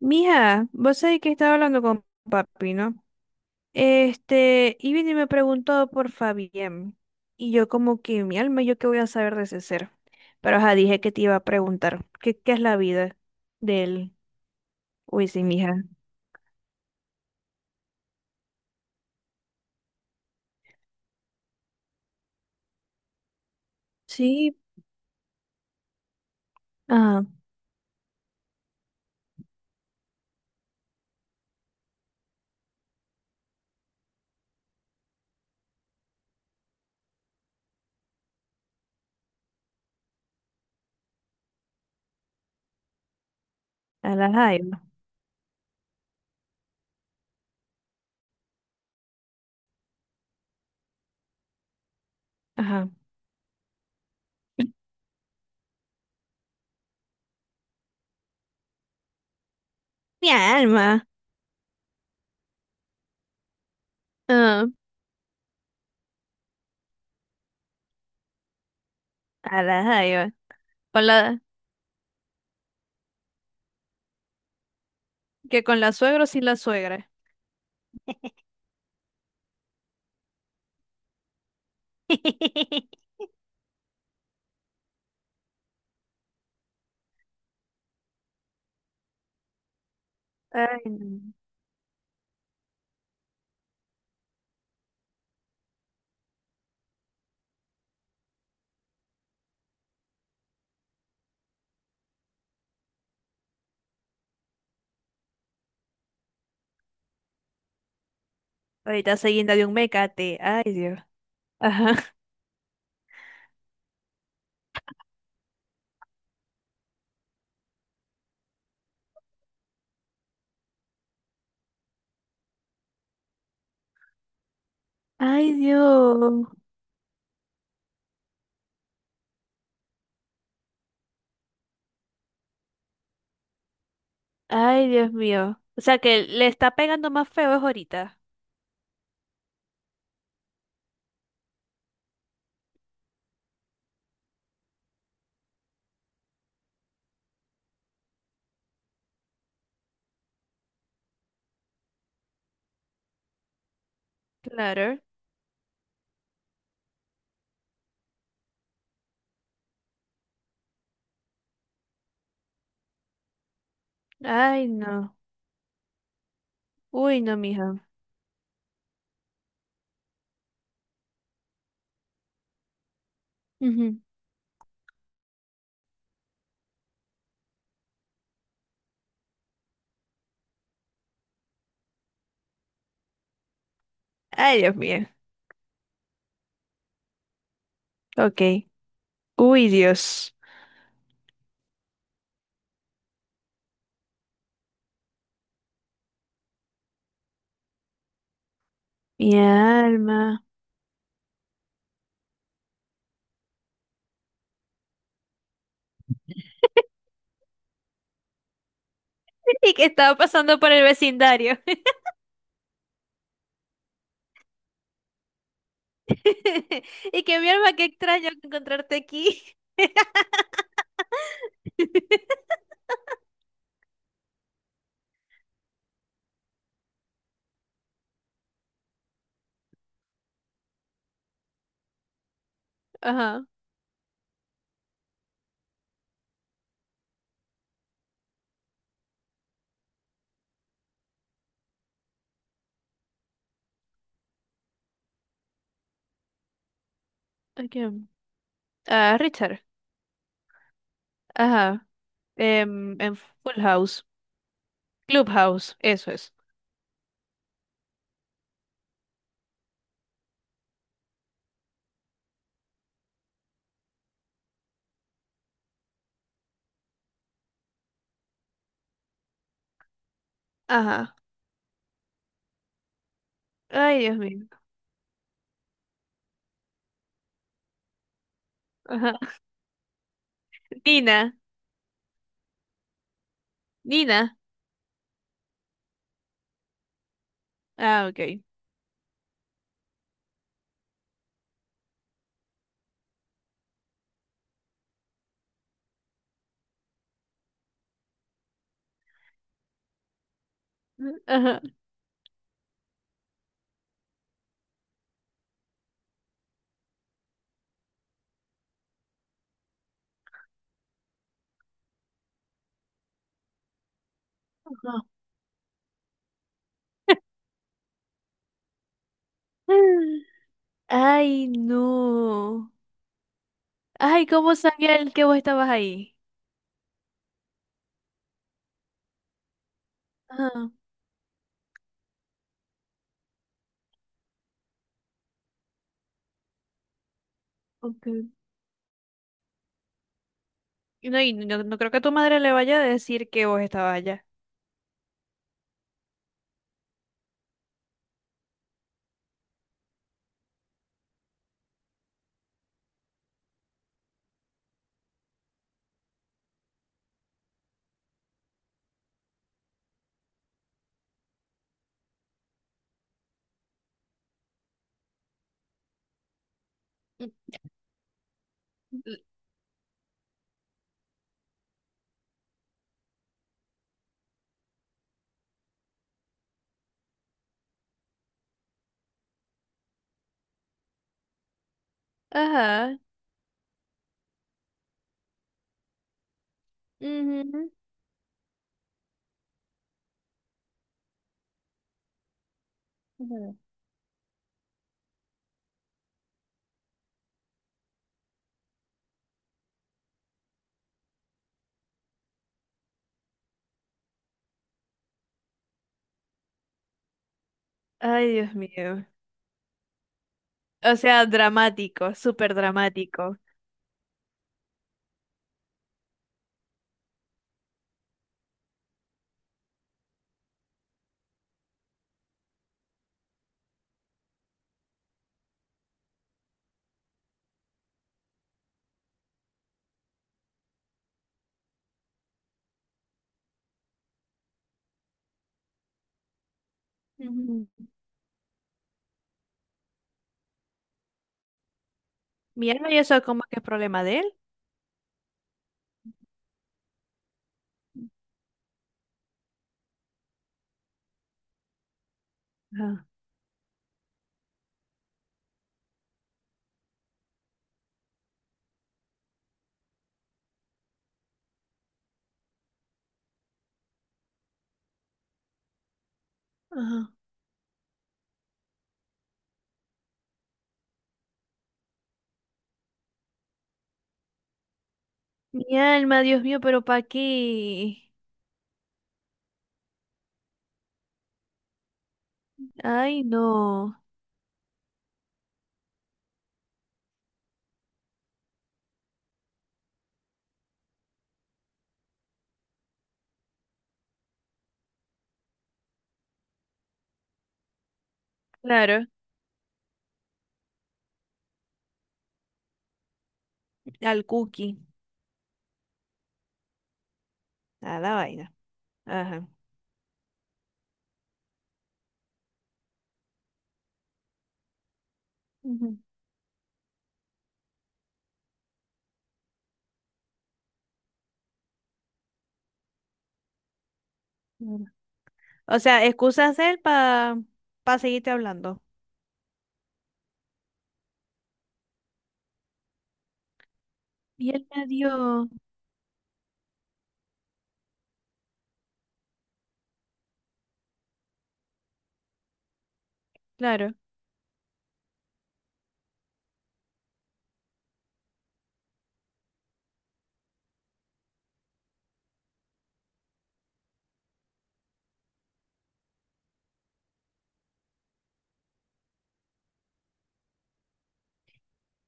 Mija, vos sabés que estaba hablando con papi, ¿no? Y vino y me preguntó por Fabián. Y yo como que mi alma, ¿yo qué voy a saber de ese ser? Pero ajá, dije que te iba a preguntar, ¿qué es la vida de él? Uy, sí, mija. Sí, ajá, a la jaiba. Ajá. Mi alma. Ajá, a la jaiba. Con la, que con la suegra o sin la suegra. Ay, no. Ahorita se guinda de un mecate. Ay, Dios. Ajá. Ay, Dios. Ay, Dios mío. O sea que le está pegando más feo es ahorita. Claro. Ay, no. Uy, no, mija. Ujú. Ay, Dios mío. Ok. Uy, Dios. Mi alma. Y que estaba pasando por el vecindario. Y que mi alma, qué extraño encontrarte aquí. Ajá. ¿A quién? A Richard. Ajá. En Full House. Clubhouse. Eso es. Ajá. Ay, Dios mío. Ajá. Nina. Nina. Ah, ok. Ajá. Ajá. Ay, no. Ay, ¿cómo sabía el que vos estabas ahí? Ah, ok. Y no, y no, no creo que a tu madre le vaya a decir que vos estabas allá. L- Ajá. Ujú. Ujú. Ay, Dios mío. O sea, dramático, súper dramático. Ujú. Mi alma, ¿y eso cómo que es problema de él? Ajá. Ajá. Mi alma, Dios mío, pero ¿para qué? Ay, no. Claro, al cookie, a la vaina. Ajá. Ujú, claro. O sea, excusa hacer para seguirte hablando. Y él me dio, claro,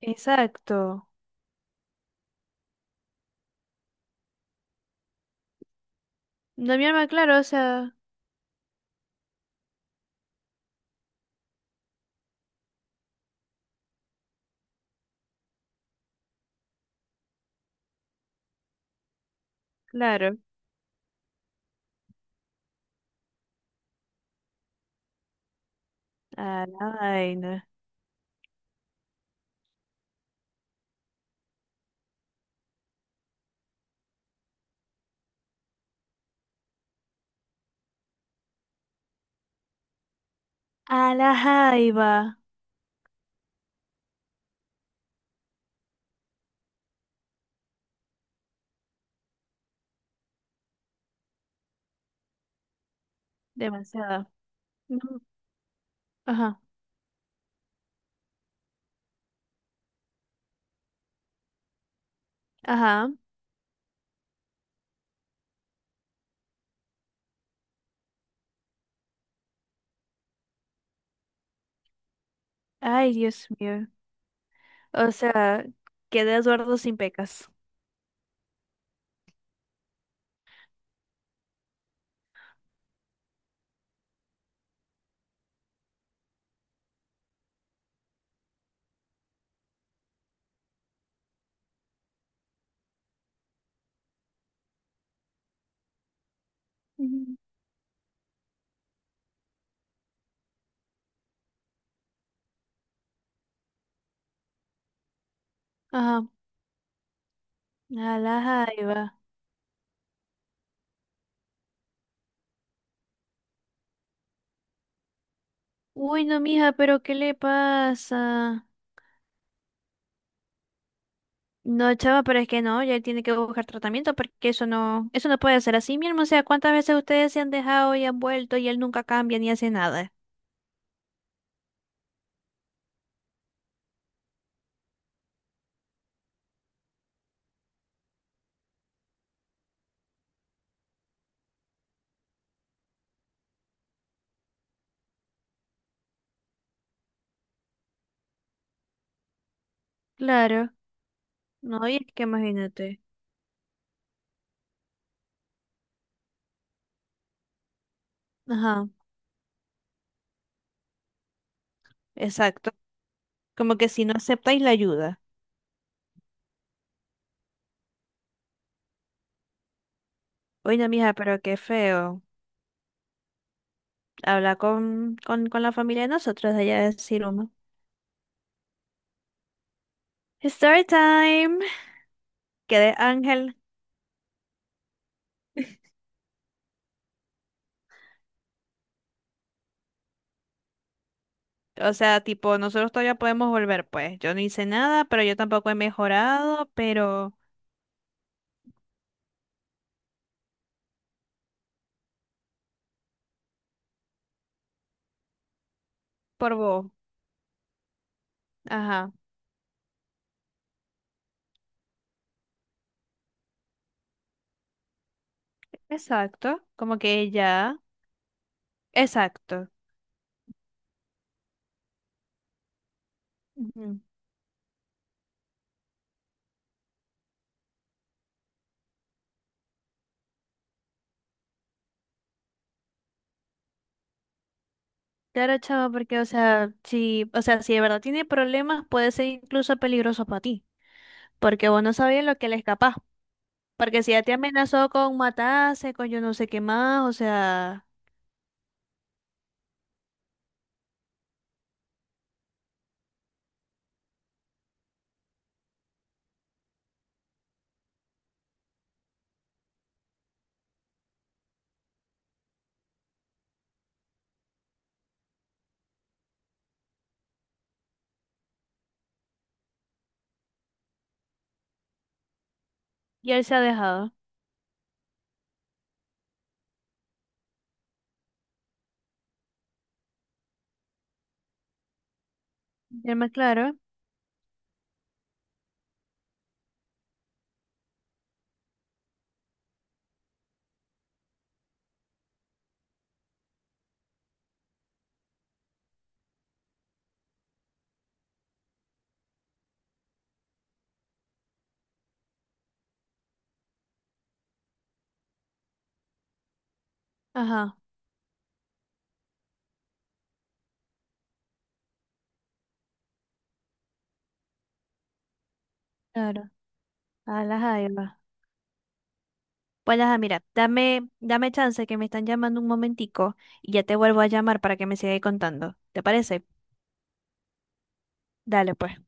exacto. No, mi alma, claro, o sea, claro. A la vaina. A la jaiba. Demasiada. Ujú, ajá, ajá. Ay, Dios mío. O sea, quedé Eduardo sin pecas. Ujú. Ajá. A la jaiba. Uy, no, mija, pero ¿qué le pasa? No, chava, pero es que no, ya él tiene que buscar tratamiento porque eso no puede ser así, mi hermano. O sea, ¿cuántas veces ustedes se han dejado y han vuelto y él nunca cambia ni hace nada? Claro, no, y es que imagínate. Ajá, exacto. Como que si no aceptáis la ayuda. Oye, no, mija, pero qué feo. Habla con la familia de nosotros de allá de Siroma. Story time. Quedé Ángel. O sea, tipo, nosotros todavía podemos volver, pues. Yo no hice nada, pero yo tampoco he mejorado, pero por vos. Ajá. Exacto, como que ella, exacto. Ujú. Claro, chavo, porque, o sea, si de verdad tiene problemas, puede ser incluso peligroso para ti, porque vos no sabías lo que él es capaz, porque si ya te amenazó con matarse, con yo no sé qué más, o sea, y él se ha dejado. ¿Ya me claro? Ajá, claro. A la jaiba. Pues ajá, mira, dame chance que me están llamando un momentico y ya te vuelvo a llamar para que me sigáis contando. ¿Te parece? Dale, pues.